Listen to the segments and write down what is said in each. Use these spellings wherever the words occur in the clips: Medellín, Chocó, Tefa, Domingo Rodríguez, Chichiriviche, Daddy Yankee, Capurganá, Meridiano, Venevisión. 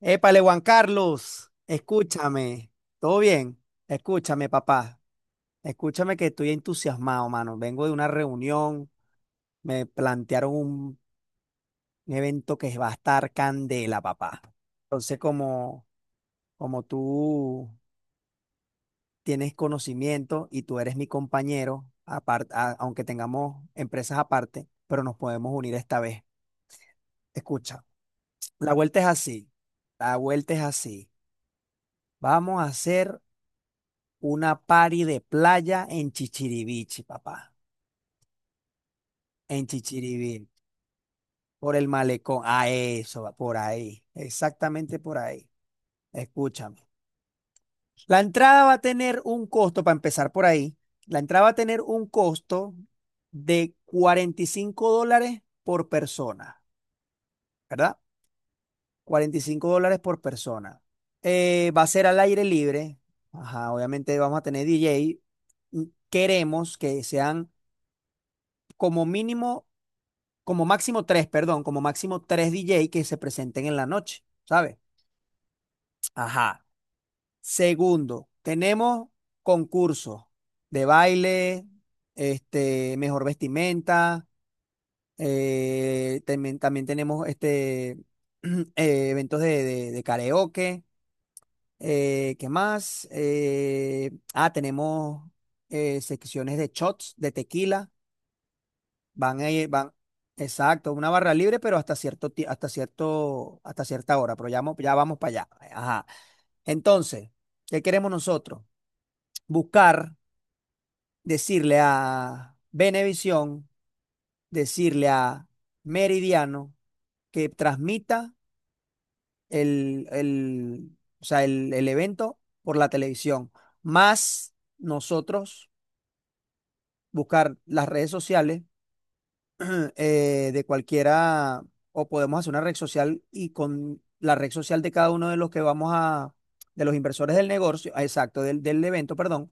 Épale, Juan Carlos, escúchame, ¿todo bien? Escúchame, papá, escúchame que estoy entusiasmado, mano. Vengo de una reunión, me plantearon un evento que va a estar candela, papá. Entonces, como, como tú tienes conocimiento y tú eres mi compañero, aunque tengamos empresas aparte, pero nos podemos unir esta vez. Escucha, la vuelta es así, la vuelta es así. Vamos a hacer una party de playa en Chichiriviche, papá, en Chichiriviche, por el malecón, a eso, va, por ahí, exactamente por ahí. Escúchame. La entrada va a tener un costo, para empezar por ahí, la entrada va a tener un costo de $45 por persona, ¿verdad? $45 por persona. Va a ser al aire libre. Ajá, obviamente vamos a tener DJ. Queremos que sean como mínimo como máximo tres, perdón, como máximo tres DJ que se presenten en la noche, ¿sabes? Ajá. Segundo, tenemos concursos de baile, este, mejor vestimenta, también, también tenemos este, eventos de karaoke, ¿qué más? Tenemos secciones de shots, de tequila. Van a ir, van, exacto, una barra libre, pero hasta cierto, hasta cierta hora, pero ya, ya vamos para allá. Ajá. Entonces, ¿qué queremos nosotros? Buscar, decirle a Venevisión, decirle a Meridiano que transmita o sea, el evento por la televisión, más nosotros buscar las redes sociales de cualquiera, o podemos hacer una red social y con la red social de cada uno de los que vamos a, de los inversores del negocio, ah, exacto, del evento, perdón,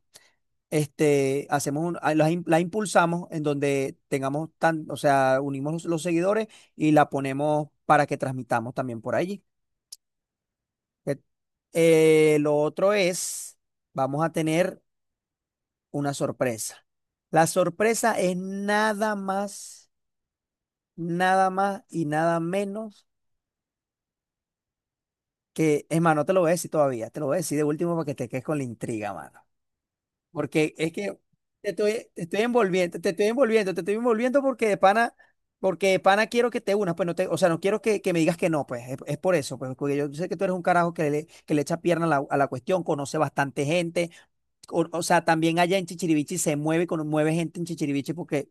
este, hacemos un, ah, la impulsamos en donde tengamos tan, o sea, unimos los seguidores y la ponemos para que transmitamos también por allí. Eh, lo otro es, vamos a tener una sorpresa. La sorpresa es nada más, nada más y nada menos. Que, es más, no te lo voy a decir todavía, te lo voy a decir de último para que te quedes con la intriga, mano. Porque es que te estoy envolviendo, te estoy envolviendo, te estoy envolviendo porque de pana quiero que te unas, pues no te, o sea, no quiero que me digas que no, pues es por eso, pues porque yo sé que tú eres un carajo que le echa pierna a la cuestión, conoce bastante gente, o sea, también allá en Chichiriviche se mueve, con mueve gente en Chichiriviche porque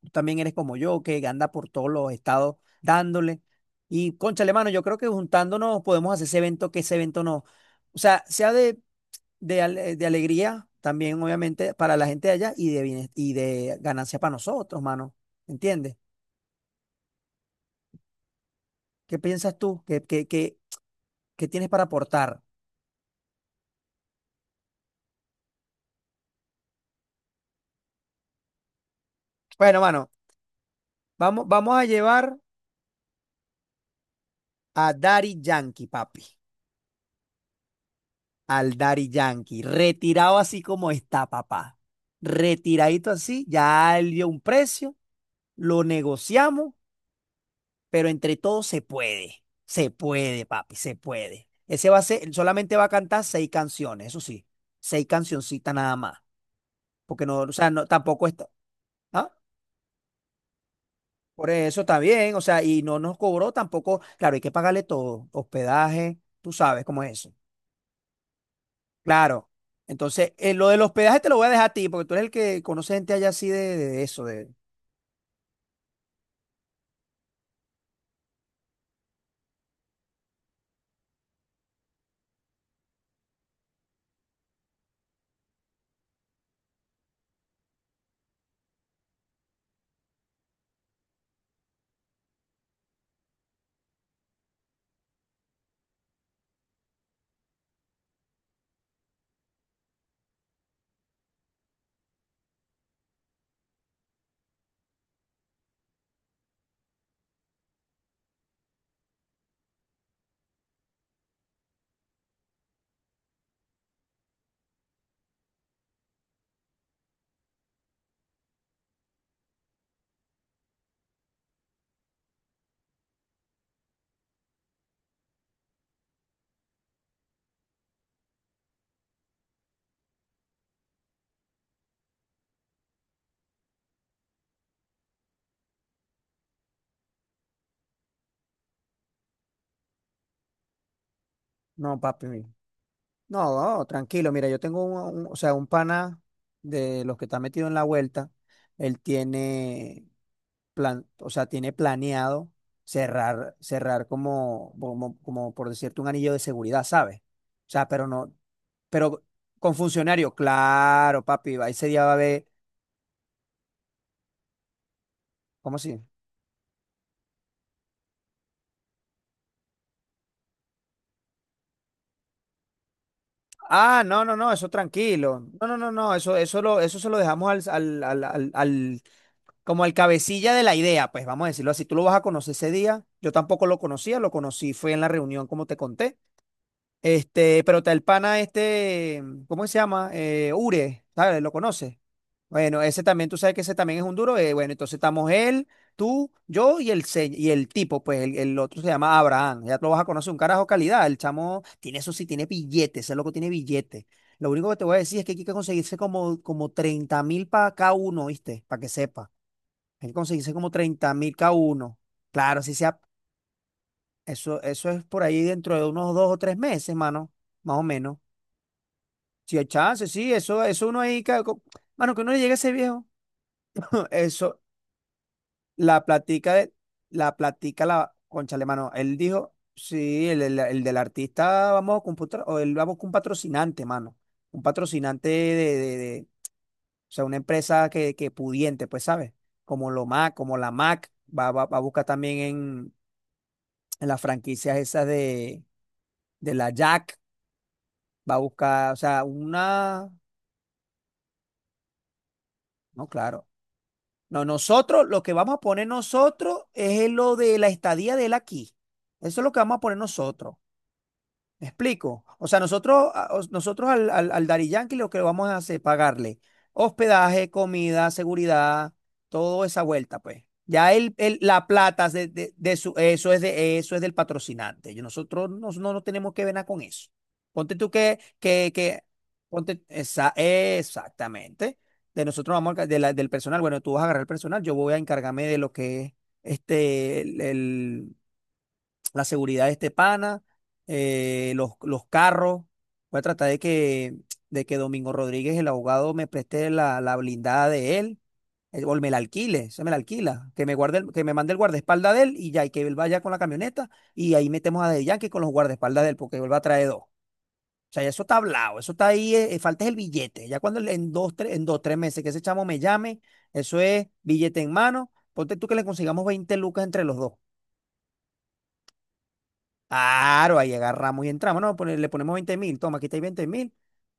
tú también eres como yo, que anda por todos los estados dándole. Y cónchale, mano, yo creo que juntándonos podemos hacer ese evento, que ese evento no, o sea, sea de alegría también, obviamente, para la gente de allá y y de ganancia para nosotros, mano. ¿Entiendes? ¿Qué piensas tú? ¿Qué tienes para aportar? Bueno, mano, vamos a llevar a Daddy Yankee, papi. Al Daddy Yankee, retirado así como está, papá, retiradito así, ya él dio un precio, lo negociamos, pero entre todos se puede. Se puede, papi, se puede. Ese va a ser, solamente va a cantar seis canciones, eso sí, seis cancioncitas nada más. Porque no, o sea, no, tampoco está. ¿Ah? Por eso está bien, o sea, y no nos cobró tampoco. Claro, hay que pagarle todo, hospedaje, tú sabes cómo es eso. Claro. Entonces, lo del hospedaje te lo voy a dejar a ti, porque tú eres el que conoce gente allá así de eso, de. No, papi. No, tranquilo. Mira, yo tengo o sea, un pana de los que está metido en la vuelta. Él tiene plan, o sea, tiene planeado cerrar, cerrar como, como, como por decirte, un anillo de seguridad, ¿sabes? O sea, pero no, pero con funcionario, claro, papi, ese día va a haber, ¿cómo así? Ah, no, no, no, eso tranquilo. No, no, no, no, eso lo, eso se lo dejamos al... Como el cabecilla de la idea, pues vamos a decirlo así, tú lo vas a conocer ese día. Yo tampoco lo conocía, lo conocí, fue en la reunión, como te conté. Este, pero está el pana este, ¿cómo se llama? Ure, ¿sabes? ¿Lo conoces? Bueno, ese también, tú sabes que ese también es un duro. Bueno, entonces estamos él, tú, yo y y el tipo, pues el otro se llama Abraham. Ya tú lo vas a conocer, un carajo calidad. El chamo tiene eso sí, tiene billetes, ese loco tiene billetes. Lo único que te voy a decir es que aquí hay que conseguirse como, como 30.000 para cada uno, ¿viste? Para que sepa. Hay que conseguirse como 30.000 cada uno. Claro, si sea, eso es por ahí dentro de unos dos o tres meses, mano, más o menos. Si hay chance, sí, eso uno ahí, mano, que uno le llegue a ese viejo. Eso, la platica de, la platica la, cónchale, mano, él dijo, sí, el del artista vamos a computar o él vamos con un patrocinante, mano. Un patrocinante o sea, una empresa que pudiente, pues, ¿sabes? Como lo Mac, como la Mac, va a buscar también en las franquicias esas de la Jack, va a buscar, o sea, una, no, claro. No, nosotros, lo que vamos a poner nosotros es lo de la estadía de él aquí. Eso es lo que vamos a poner nosotros. ¿Me explico? O sea, nosotros, nosotros al Daddy Yankee lo que lo vamos a hacer es pagarle hospedaje, comida, seguridad, toda esa vuelta, pues. Ya él, la plata de su, eso es de, eso es del patrocinante. Nosotros no, no, no tenemos que ver nada con eso. Ponte tú que, ponte, esa, exactamente. De nosotros vamos a, del personal. Bueno, tú vas a agarrar el personal, yo voy a encargarme de lo que es este, el, la seguridad de este pana, los carros. Voy a tratar de que Domingo Rodríguez, el abogado, me preste la, la blindada de él, o me la alquile, se me la alquila, que me guarde, que me mande el guardaespaldas de él y ya, y que él vaya con la camioneta y ahí metemos a The Yankee con los guardaespaldas de él, porque él va a traer dos. O sea, ya eso está hablado, eso está ahí, falta es el billete. Ya cuando en dos, tres meses que ese chamo me llame, eso es billete en mano. Ponte tú que le consigamos 20 lucas entre los dos. Claro, ahí agarramos y entramos, no, le ponemos 20.000, toma, aquí está 20.000,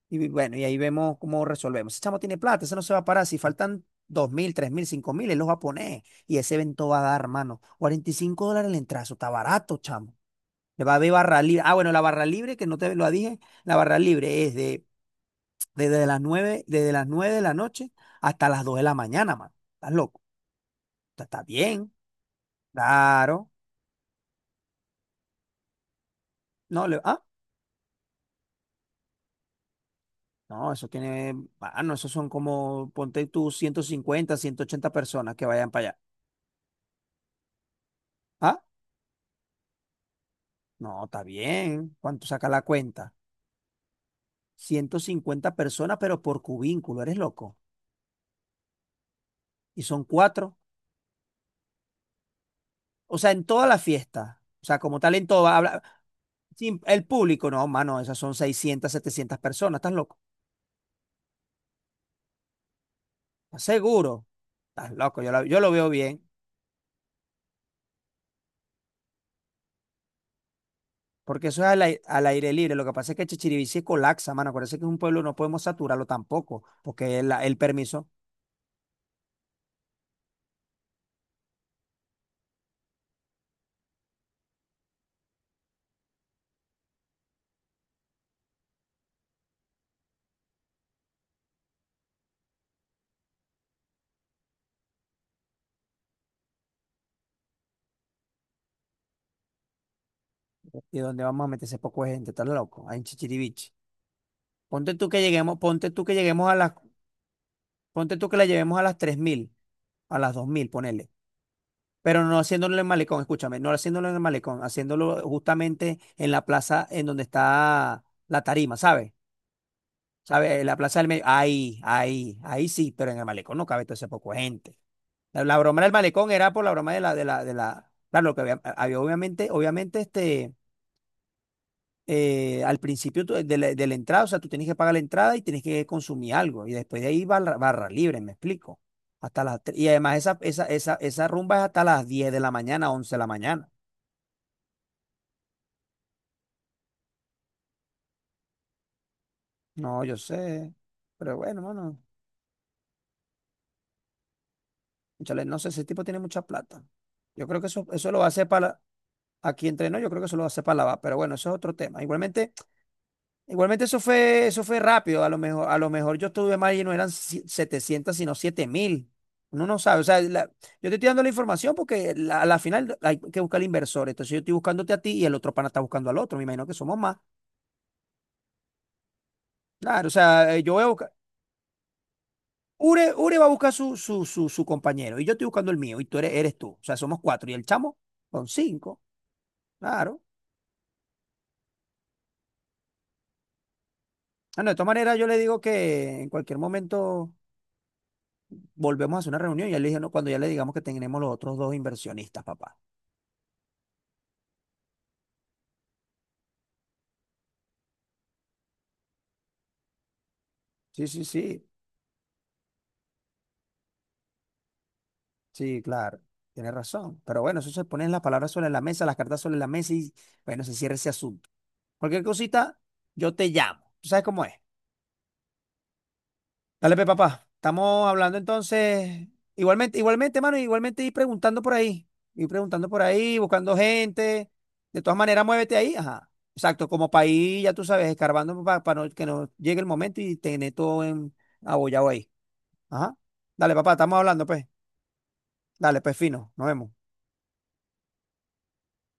y bueno, y ahí vemos cómo resolvemos. Ese chamo tiene plata, ese no se va a parar, si faltan 2.000, 3.000, 5.000, él los va a poner, y ese evento va a dar, hermano, $45 el entrazo, está barato, chamo. Le va a haber barra libre, ah, bueno, la barra libre, que no te lo dije, la barra libre es de, desde las 9 de la noche hasta las 2 de la mañana, mano, estás loco, está bien, claro, no, le, ah. No, eso tiene, ah, no, esos son como, ponte tú 150, 180 personas que vayan para allá. Ah, no, está bien. ¿Cuánto saca la cuenta? 150 personas, pero por cubínculo, eres loco. Y son cuatro. O sea, en toda la fiesta. O sea, como tal, en toda, el público, no, mano, esas son 600 700 personas, ¿estás loco? ¿Estás seguro? Estás loco, yo lo veo bien. Porque eso es al, al aire libre. Lo que pasa es que Chichirivici colapsa, mano. Acuérdense que es un pueblo, no podemos saturarlo tampoco, porque el permiso. ¿Y dónde vamos a meter ese poco de gente? Estás loco, ahí en Chichiriviche. Ponte tú que lleguemos a las, ponte tú que la llevemos a las 3.000, a las 2.000, ponele. Pero no haciéndolo en el malecón, escúchame, no haciéndolo en el malecón, haciéndolo justamente en la plaza en donde está la tarima, ¿sabes? ¿Sabes? En la plaza del medio. Ahí, ahí, ahí sí, pero en el malecón no cabe todo ese poco de gente. La broma del malecón era por la broma de la, claro, lo que había, había obviamente, obviamente, este, al principio de la entrada, o sea, tú tienes que pagar la entrada y tienes que consumir algo. Y después de ahí barra libre, me explico. Y además esa rumba es hasta las 10 de la mañana, 11 de la mañana. No, yo sé. Pero bueno, mano, cónchale, no sé, ese tipo tiene mucha plata. Yo creo eso lo va a hacer para, aquí entre nos, yo creo que eso lo va a hacer para lavar. Pero bueno, eso es otro tema. Igualmente, igualmente eso fue rápido. A lo mejor yo estuve mal y no eran setecientos, sino 7.000. Uno no sabe. O sea, yo te estoy dando la información porque a la final hay que buscar el inversor. Entonces yo estoy buscándote a ti y el otro pana está buscando al otro. Me imagino que somos más. Claro, o sea, yo voy a buscar. Ure, Ure va a buscar su compañero y yo estoy buscando el mío y tú eres, eres tú. O sea, somos cuatro y el chamo con cinco. Claro. Ah, no, de todas maneras yo le digo que en cualquier momento volvemos a hacer una reunión y ya le dije, no, cuando ya le digamos que tenemos los otros dos inversionistas, papá. Sí, sí, sí, sí, claro, tienes razón. Pero bueno, eso se ponen las palabras sobre la mesa, las cartas sobre la mesa y bueno, se cierra ese asunto. Cualquier cosita, yo te llamo. ¿Tú sabes cómo es? Dale, pe, papá. Estamos hablando entonces. Igualmente, igualmente, mano, igualmente ir preguntando por ahí. Ir preguntando por ahí, buscando gente. De todas maneras, muévete ahí. Ajá. Exacto, como país, ya tú sabes, escarbando para, que nos llegue el momento y tener todo en abollado ahí. Ajá. Dale, papá, estamos hablando, pues. Dale, pues fino, nos vemos.